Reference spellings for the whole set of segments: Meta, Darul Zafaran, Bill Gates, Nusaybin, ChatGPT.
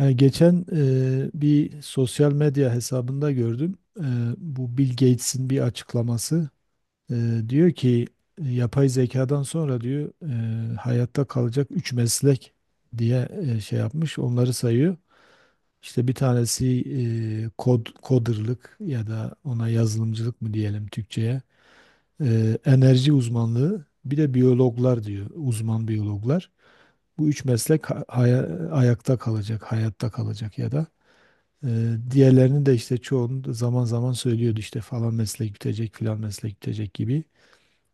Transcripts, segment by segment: Geçen bir sosyal medya hesabında gördüm. Bu Bill Gates'in bir açıklaması. Diyor ki yapay zekadan sonra diyor hayatta kalacak 3 meslek diye şey yapmış. Onları sayıyor. İşte bir tanesi kod coderlık ya da ona yazılımcılık mı diyelim Türkçe'ye. Enerji uzmanlığı bir de biyologlar diyor. Uzman biyologlar. Bu üç meslek ayakta kalacak, hayatta kalacak ya da. Diğerlerini de işte çoğunu zaman zaman söylüyordu, işte falan meslek bitecek, filan meslek bitecek gibi.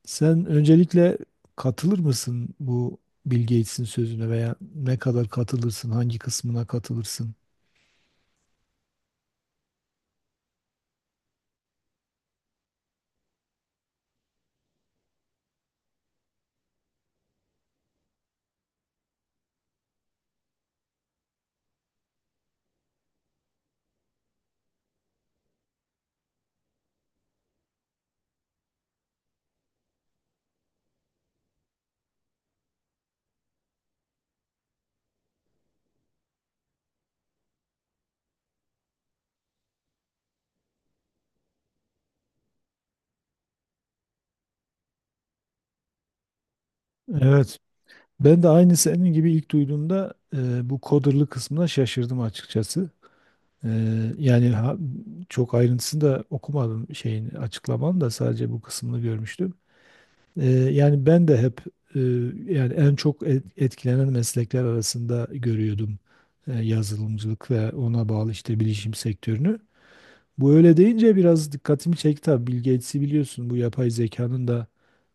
Sen öncelikle katılır mısın bu Bill Gates'in sözüne, veya ne kadar katılırsın, hangi kısmına katılırsın? Evet. Ben de aynı senin gibi ilk duyduğumda bu coder'lı kısmına şaşırdım açıkçası. E, Yani çok ayrıntısını da okumadım şeyin, açıklamanın da sadece bu kısmını görmüştüm. Yani ben de hep e, yani en çok etkilenen meslekler arasında görüyordum yazılımcılık ve ona bağlı işte bilişim sektörünü. Bu öyle deyince biraz dikkatimi çekti tabii. Bill Gates'i biliyorsun, bu yapay zekanın da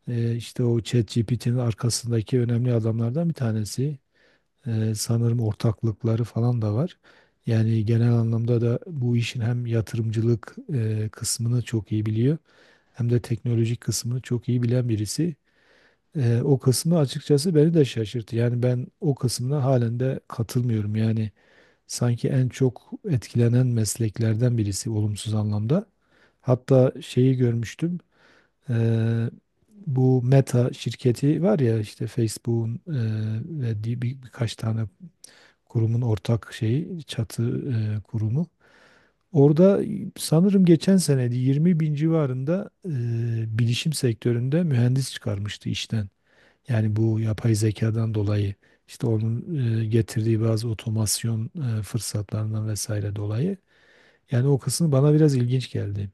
işte o ChatGPT'nin arkasındaki önemli adamlardan bir tanesi. Sanırım ortaklıkları falan da var. Yani genel anlamda da bu işin hem yatırımcılık kısmını çok iyi biliyor, hem de teknolojik kısmını çok iyi bilen birisi. O kısmı açıkçası beni de şaşırttı. Yani ben o kısmına halen de katılmıyorum. Yani sanki en çok etkilenen mesleklerden birisi olumsuz anlamda. Hatta şeyi görmüştüm. Eee, Bu Meta şirketi var ya, işte Facebook'un ve birkaç tane kurumun ortak şeyi, çatı kurumu. Orada sanırım geçen seneydi, 20 bin civarında bilişim sektöründe mühendis çıkarmıştı işten. Yani bu yapay zekadan dolayı, işte onun getirdiği bazı otomasyon fırsatlarından vesaire dolayı. Yani o kısmı bana biraz ilginç geldi.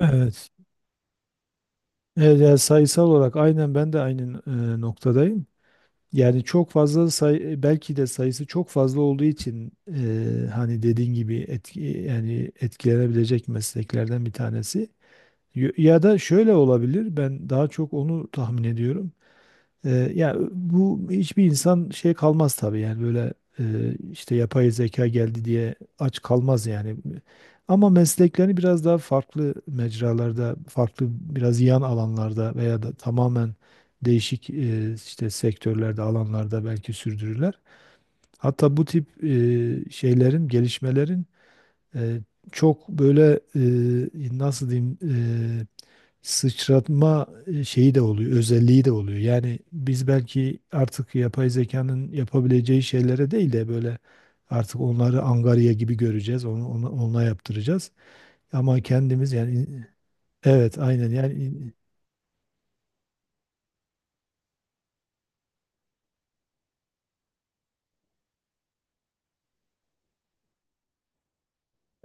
Evet. Evet, yani sayısal olarak aynen ben de aynı noktadayım. Yani çok fazla belki de sayısı çok fazla olduğu için hani dediğin gibi yani etkilenebilecek mesleklerden bir tanesi. Ya da şöyle olabilir. Ben daha çok onu tahmin ediyorum. Ya bu hiçbir insan şey kalmaz tabii, yani böyle işte yapay zeka geldi diye aç kalmaz yani. Ama mesleklerini biraz daha farklı mecralarda, farklı biraz yan alanlarda, veya da tamamen değişik işte sektörlerde, alanlarda belki sürdürürler. Hatta bu tip şeylerin, gelişmelerin e, çok böyle nasıl diyeyim e, sıçratma şeyi de oluyor, özelliği de oluyor. Yani biz belki artık yapay zekanın yapabileceği şeylere değil de böyle artık onları angarya gibi göreceğiz, onunla yaptıracağız. Ama kendimiz yani. Evet, aynen yani.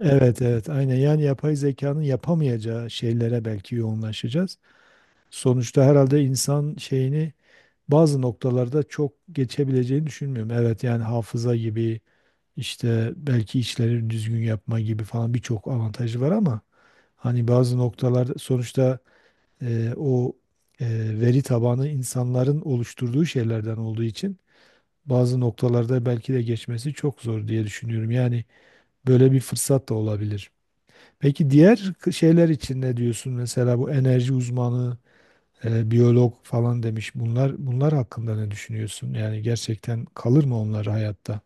Evet, evet, aynen yani, yapay zekanın yapamayacağı şeylere belki yoğunlaşacağız. Sonuçta herhalde insan şeyini bazı noktalarda çok geçebileceğini düşünmüyorum. Evet, yani hafıza gibi, İşte belki işleri düzgün yapma gibi falan birçok avantajı var ama hani bazı noktalarda sonuçta o e, veri tabanı insanların oluşturduğu şeylerden olduğu için, bazı noktalarda belki de geçmesi çok zor diye düşünüyorum. Yani böyle bir fırsat da olabilir. Peki diğer şeyler için ne diyorsun? Mesela bu enerji uzmanı, biyolog falan demiş. Bunlar hakkında ne düşünüyorsun? Yani gerçekten kalır mı onlar hayatta?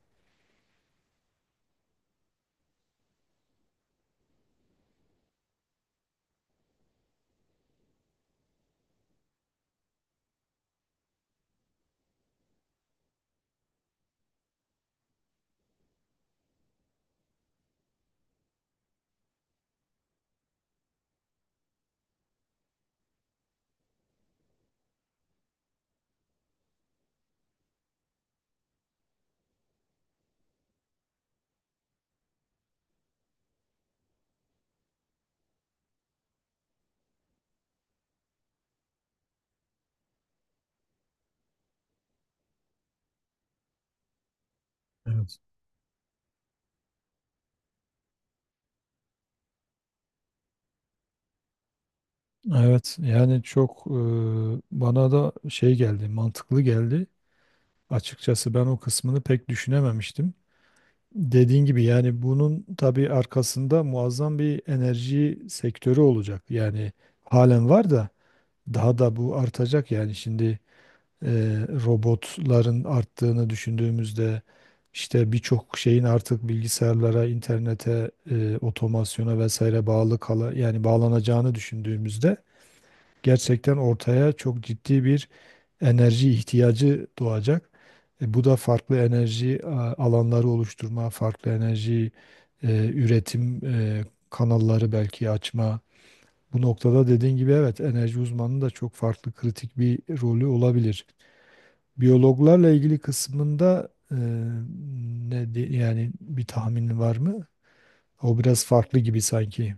Evet. Evet yani bana da şey geldi, mantıklı geldi. Açıkçası ben o kısmını pek düşünememiştim. Dediğin gibi, yani bunun tabii arkasında muazzam bir enerji sektörü olacak. Yani halen var da daha da bu artacak, yani şimdi robotların arttığını düşündüğümüzde, işte birçok şeyin artık bilgisayarlara, internete, otomasyona vesaire bağlı kala yani bağlanacağını düşündüğümüzde, gerçekten ortaya çok ciddi bir enerji ihtiyacı doğacak. Bu da farklı enerji alanları oluşturma, farklı enerji üretim kanalları belki açma. Bu noktada dediğin gibi, evet, enerji uzmanının da çok farklı, kritik bir rolü olabilir. Biyologlarla ilgili kısmında yani bir tahminin var mı? O biraz farklı gibi sanki.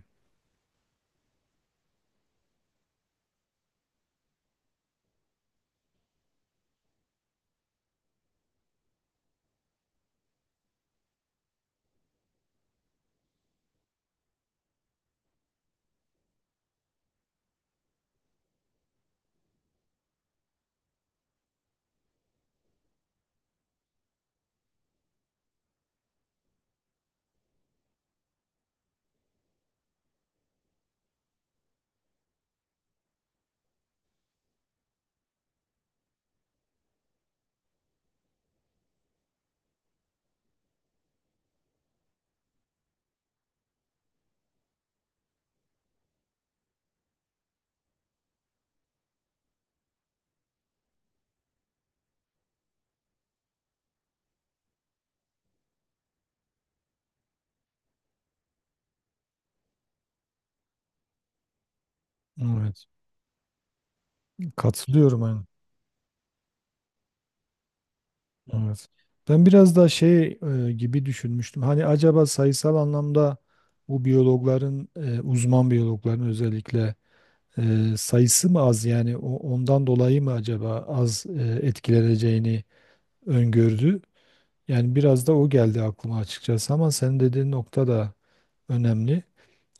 Evet. Katılıyorum aynı. Evet. Ben biraz da şey gibi düşünmüştüm. Hani acaba sayısal anlamda bu biyologların, uzman biyologların özellikle sayısı mı az, yani ondan dolayı mı acaba az etkileneceğini öngördü? Yani biraz da o geldi aklıma açıkçası, ama senin dediğin nokta da önemli.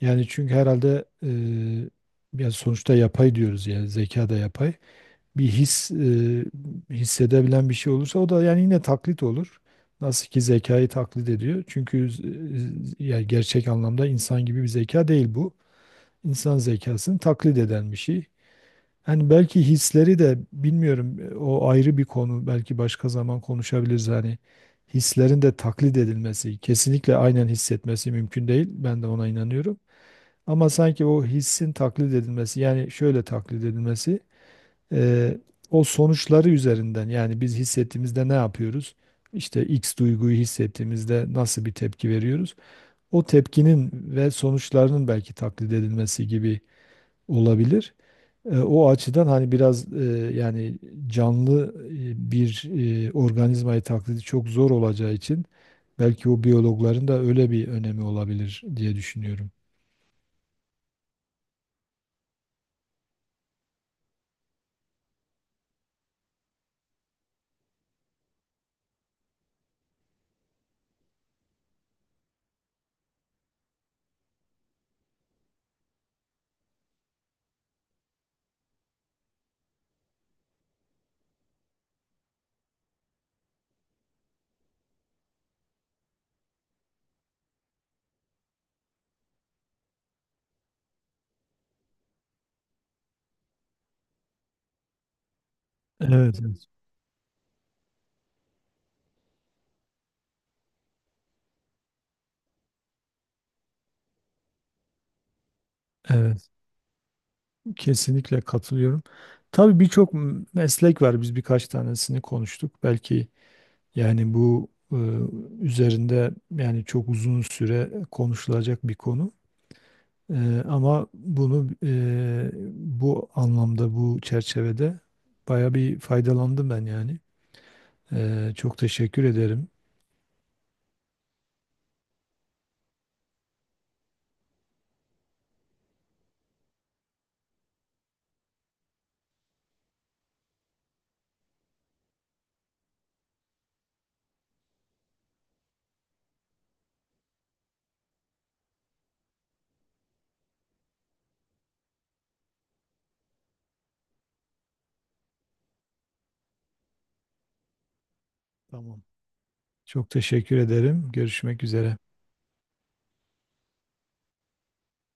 Yani çünkü herhalde ya sonuçta yapay diyoruz, yani zeka da yapay, bir his hissedebilen bir şey olursa o da yani yine taklit olur. Nasıl ki zekayı taklit ediyor. Çünkü yani gerçek anlamda insan gibi bir zeka değil bu. İnsan zekasını taklit eden bir şey. Hani belki hisleri de bilmiyorum, o ayrı bir konu. Belki başka zaman konuşabiliriz hani. Hislerin de taklit edilmesi, kesinlikle aynen hissetmesi mümkün değil. Ben de ona inanıyorum. Ama sanki o hissin taklit edilmesi, yani şöyle taklit edilmesi, Eee, o sonuçları üzerinden, yani biz hissettiğimizde ne yapıyoruz? İşte X duyguyu hissettiğimizde nasıl bir tepki veriyoruz? O tepkinin ve sonuçlarının belki taklit edilmesi gibi olabilir. O açıdan hani biraz yani canlı bir organizmayı taklidi çok zor olacağı için, belki o biyologların da öyle bir önemi olabilir diye düşünüyorum. Evet, evet. Evet. Kesinlikle katılıyorum. Tabii birçok meslek var. Biz birkaç tanesini konuştuk. Belki yani bu üzerinde yani çok uzun süre konuşulacak bir konu. Ama bunu bu anlamda, bu çerçevede baya bir faydalandım ben yani. Çok teşekkür ederim. Tamam. Çok teşekkür ederim. Görüşmek üzere.